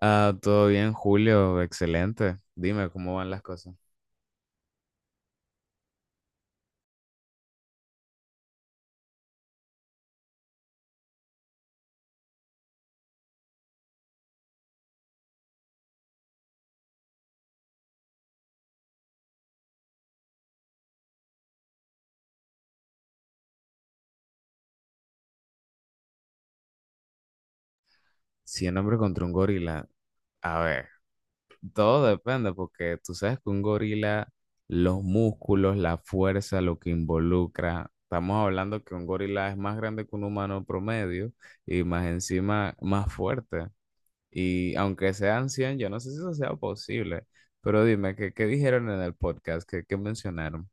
Ah, todo bien, Julio, excelente. Dime cómo van las cosas. Si un hombre contra un gorila, a ver, todo depende porque tú sabes que un gorila, los músculos, la fuerza, lo que involucra, estamos hablando que un gorila es más grande que un humano promedio y más encima más fuerte. Y aunque sean 100, yo no sé si eso sea posible, pero dime, ¿qué dijeron en el podcast? ¿Qué mencionaron?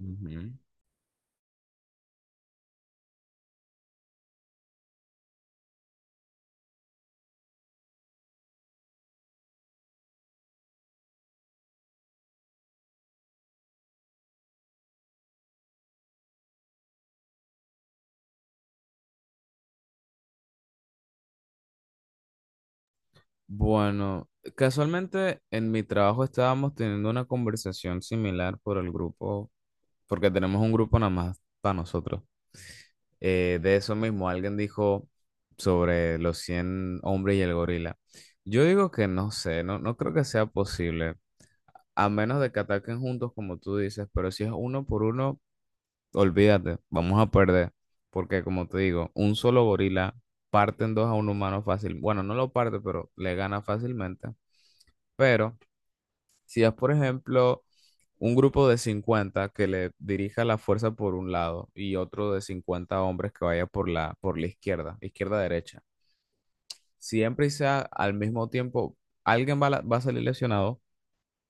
Ujú. Bueno, casualmente en mi trabajo estábamos teniendo una conversación similar por el grupo, porque tenemos un grupo nada más para nosotros. De eso mismo, alguien dijo sobre los 100 hombres y el gorila. Yo digo que no sé, no, no creo que sea posible, a menos de que ataquen juntos como tú dices, pero si es uno por uno, olvídate, vamos a perder, porque como te digo, un solo gorila parte en dos a un humano fácil. Bueno, no lo parte, pero le gana fácilmente. Pero si es, por ejemplo, un grupo de 50 que le dirija la fuerza por un lado y otro de 50 hombres que vaya por la izquierda, izquierda-derecha, siempre y sea al mismo tiempo, alguien va, va a salir lesionado,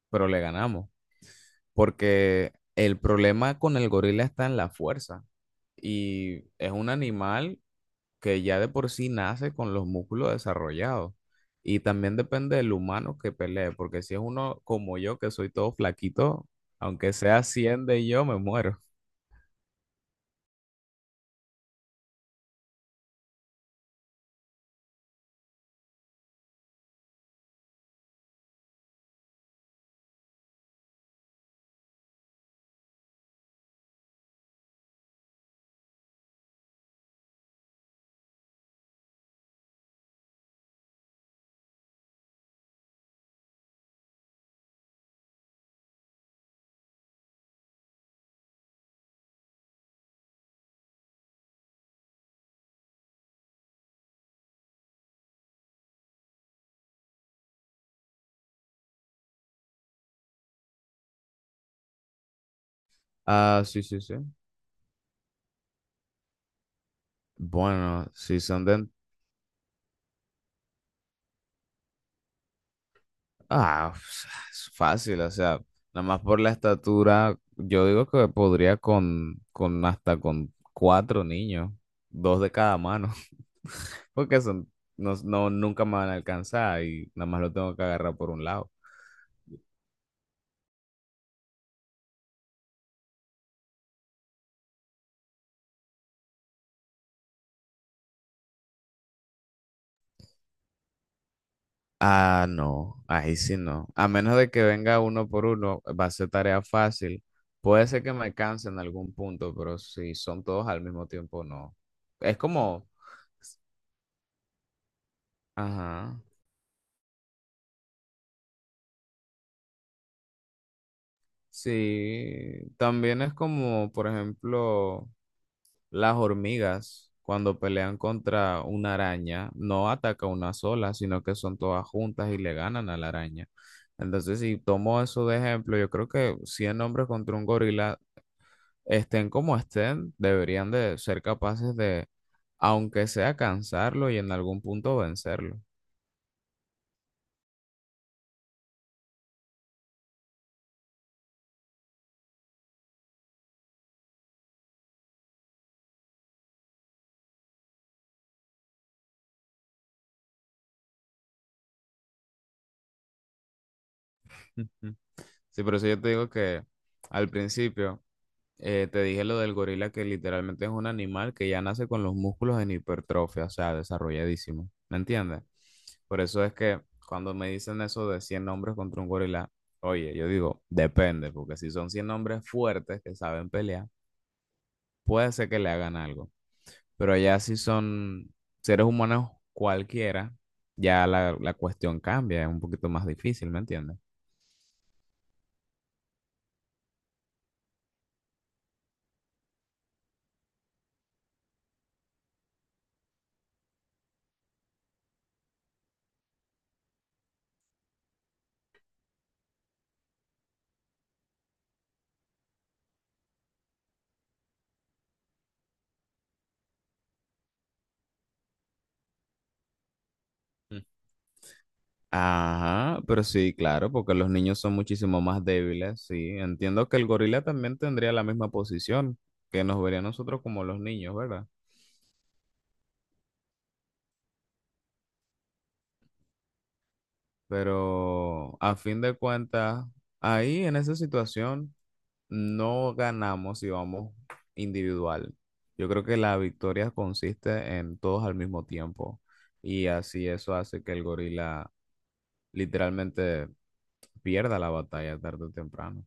pero le ganamos. Porque el problema con el gorila está en la fuerza y es un animal que ya de por sí nace con los músculos desarrollados. Y también depende del humano que pelee, porque si es uno como yo, que soy todo flaquito, aunque sea 100 de yo, me muero. Ah, sí, sí, sí. Bueno, si son de... Ah, pues, es fácil, o sea, nada más por la estatura, yo digo que podría con hasta con 4 niños, dos de cada mano, porque son, no, no, nunca me van a alcanzar y nada más lo tengo que agarrar por un lado. Ah, no, ahí sí no. A menos de que venga uno por uno, va a ser tarea fácil. Puede ser que me canse en algún punto, pero si son todos al mismo tiempo, no. Es como, ajá, sí. También es como, por ejemplo, las hormigas, cuando pelean contra una araña, no ataca una sola, sino que son todas juntas y le ganan a la araña. Entonces, si tomo eso de ejemplo, yo creo que 100 hombres contra un gorila estén como estén, deberían de ser capaces de, aunque sea cansarlo y en algún punto vencerlo. Ujú. Sí, por eso yo te digo que al principio te dije lo del gorila que literalmente es un animal que ya nace con los músculos en hipertrofia, o sea, desarrolladísimo. ¿Me entiendes? Por eso es que cuando me dicen eso de 100 hombres contra un gorila, oye, yo digo, depende, porque si son 100 hombres fuertes que saben pelear, puede ser que le hagan algo. Pero allá si son seres humanos cualquiera, ya la cuestión cambia, es un poquito más difícil, ¿me entiendes? Mm. Ajá, pero sí, claro, porque los niños son muchísimo más débiles, sí. Entiendo que el gorila también tendría la misma posición, que nos vería a nosotros como los niños, ¿verdad? Pero a fin de cuentas, ahí en esa situación... No ganamos si vamos individual. Yo creo que la victoria consiste en todos al mismo tiempo y así eso hace que el gorila literalmente pierda la batalla tarde o temprano.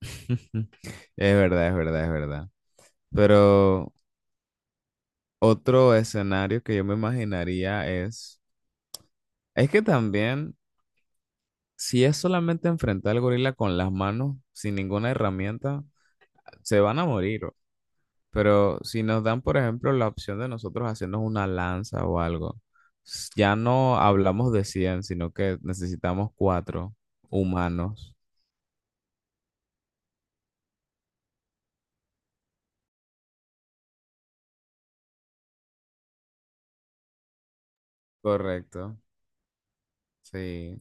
Es verdad, es verdad, es verdad. Pero otro escenario que yo me imaginaría es que también si es solamente enfrentar al gorila con las manos, sin ninguna herramienta, se van a morir. Pero si nos dan, por ejemplo, la opción de nosotros hacernos una lanza o algo, ya no hablamos de 100 sino que necesitamos 4 humanos. Correcto, sí.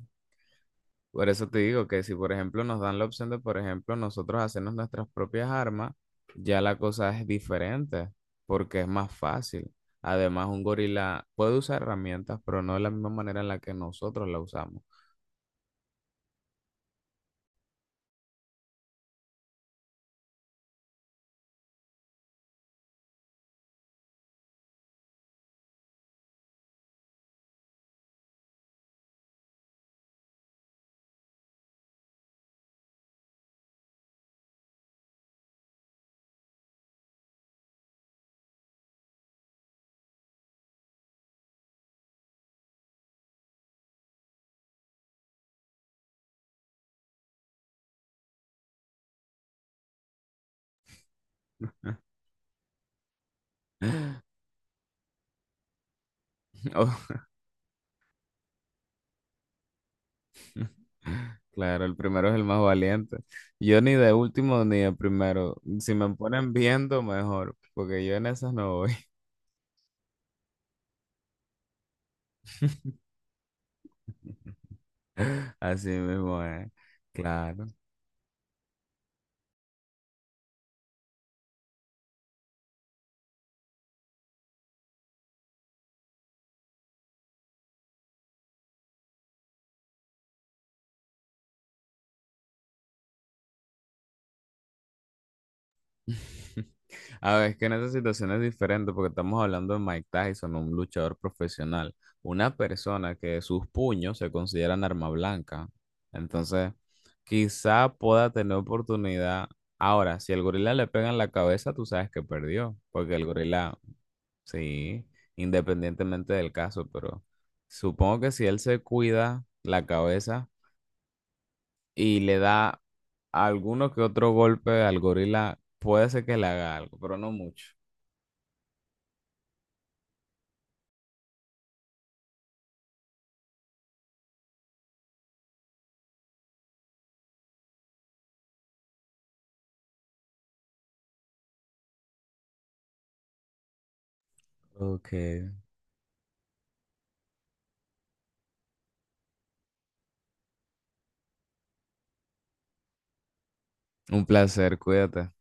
Por eso te digo que si, por ejemplo, nos dan la opción de, por ejemplo, nosotros hacernos nuestras propias armas, ya la cosa es diferente, porque es más fácil. Además, un gorila puede usar herramientas, pero no de la misma manera en la que nosotros la usamos. Claro, el primero es el más valiente. Yo ni de último ni de primero. Si me ponen viendo, mejor, porque yo en esas no voy. Así mismo es. Claro. A ver, es que en esa situación es diferente porque estamos hablando de Mike Tyson, un luchador profesional, una persona que sus puños se consideran arma blanca. Entonces, quizá pueda tener oportunidad. Ahora, si el gorila le pega en la cabeza, tú sabes que perdió, porque el gorila... Sí, independientemente del caso, pero supongo que si él se cuida la cabeza y le da alguno que otro golpe al gorila, puede ser que le haga algo, pero no mucho. Ok. Un placer, cuídate.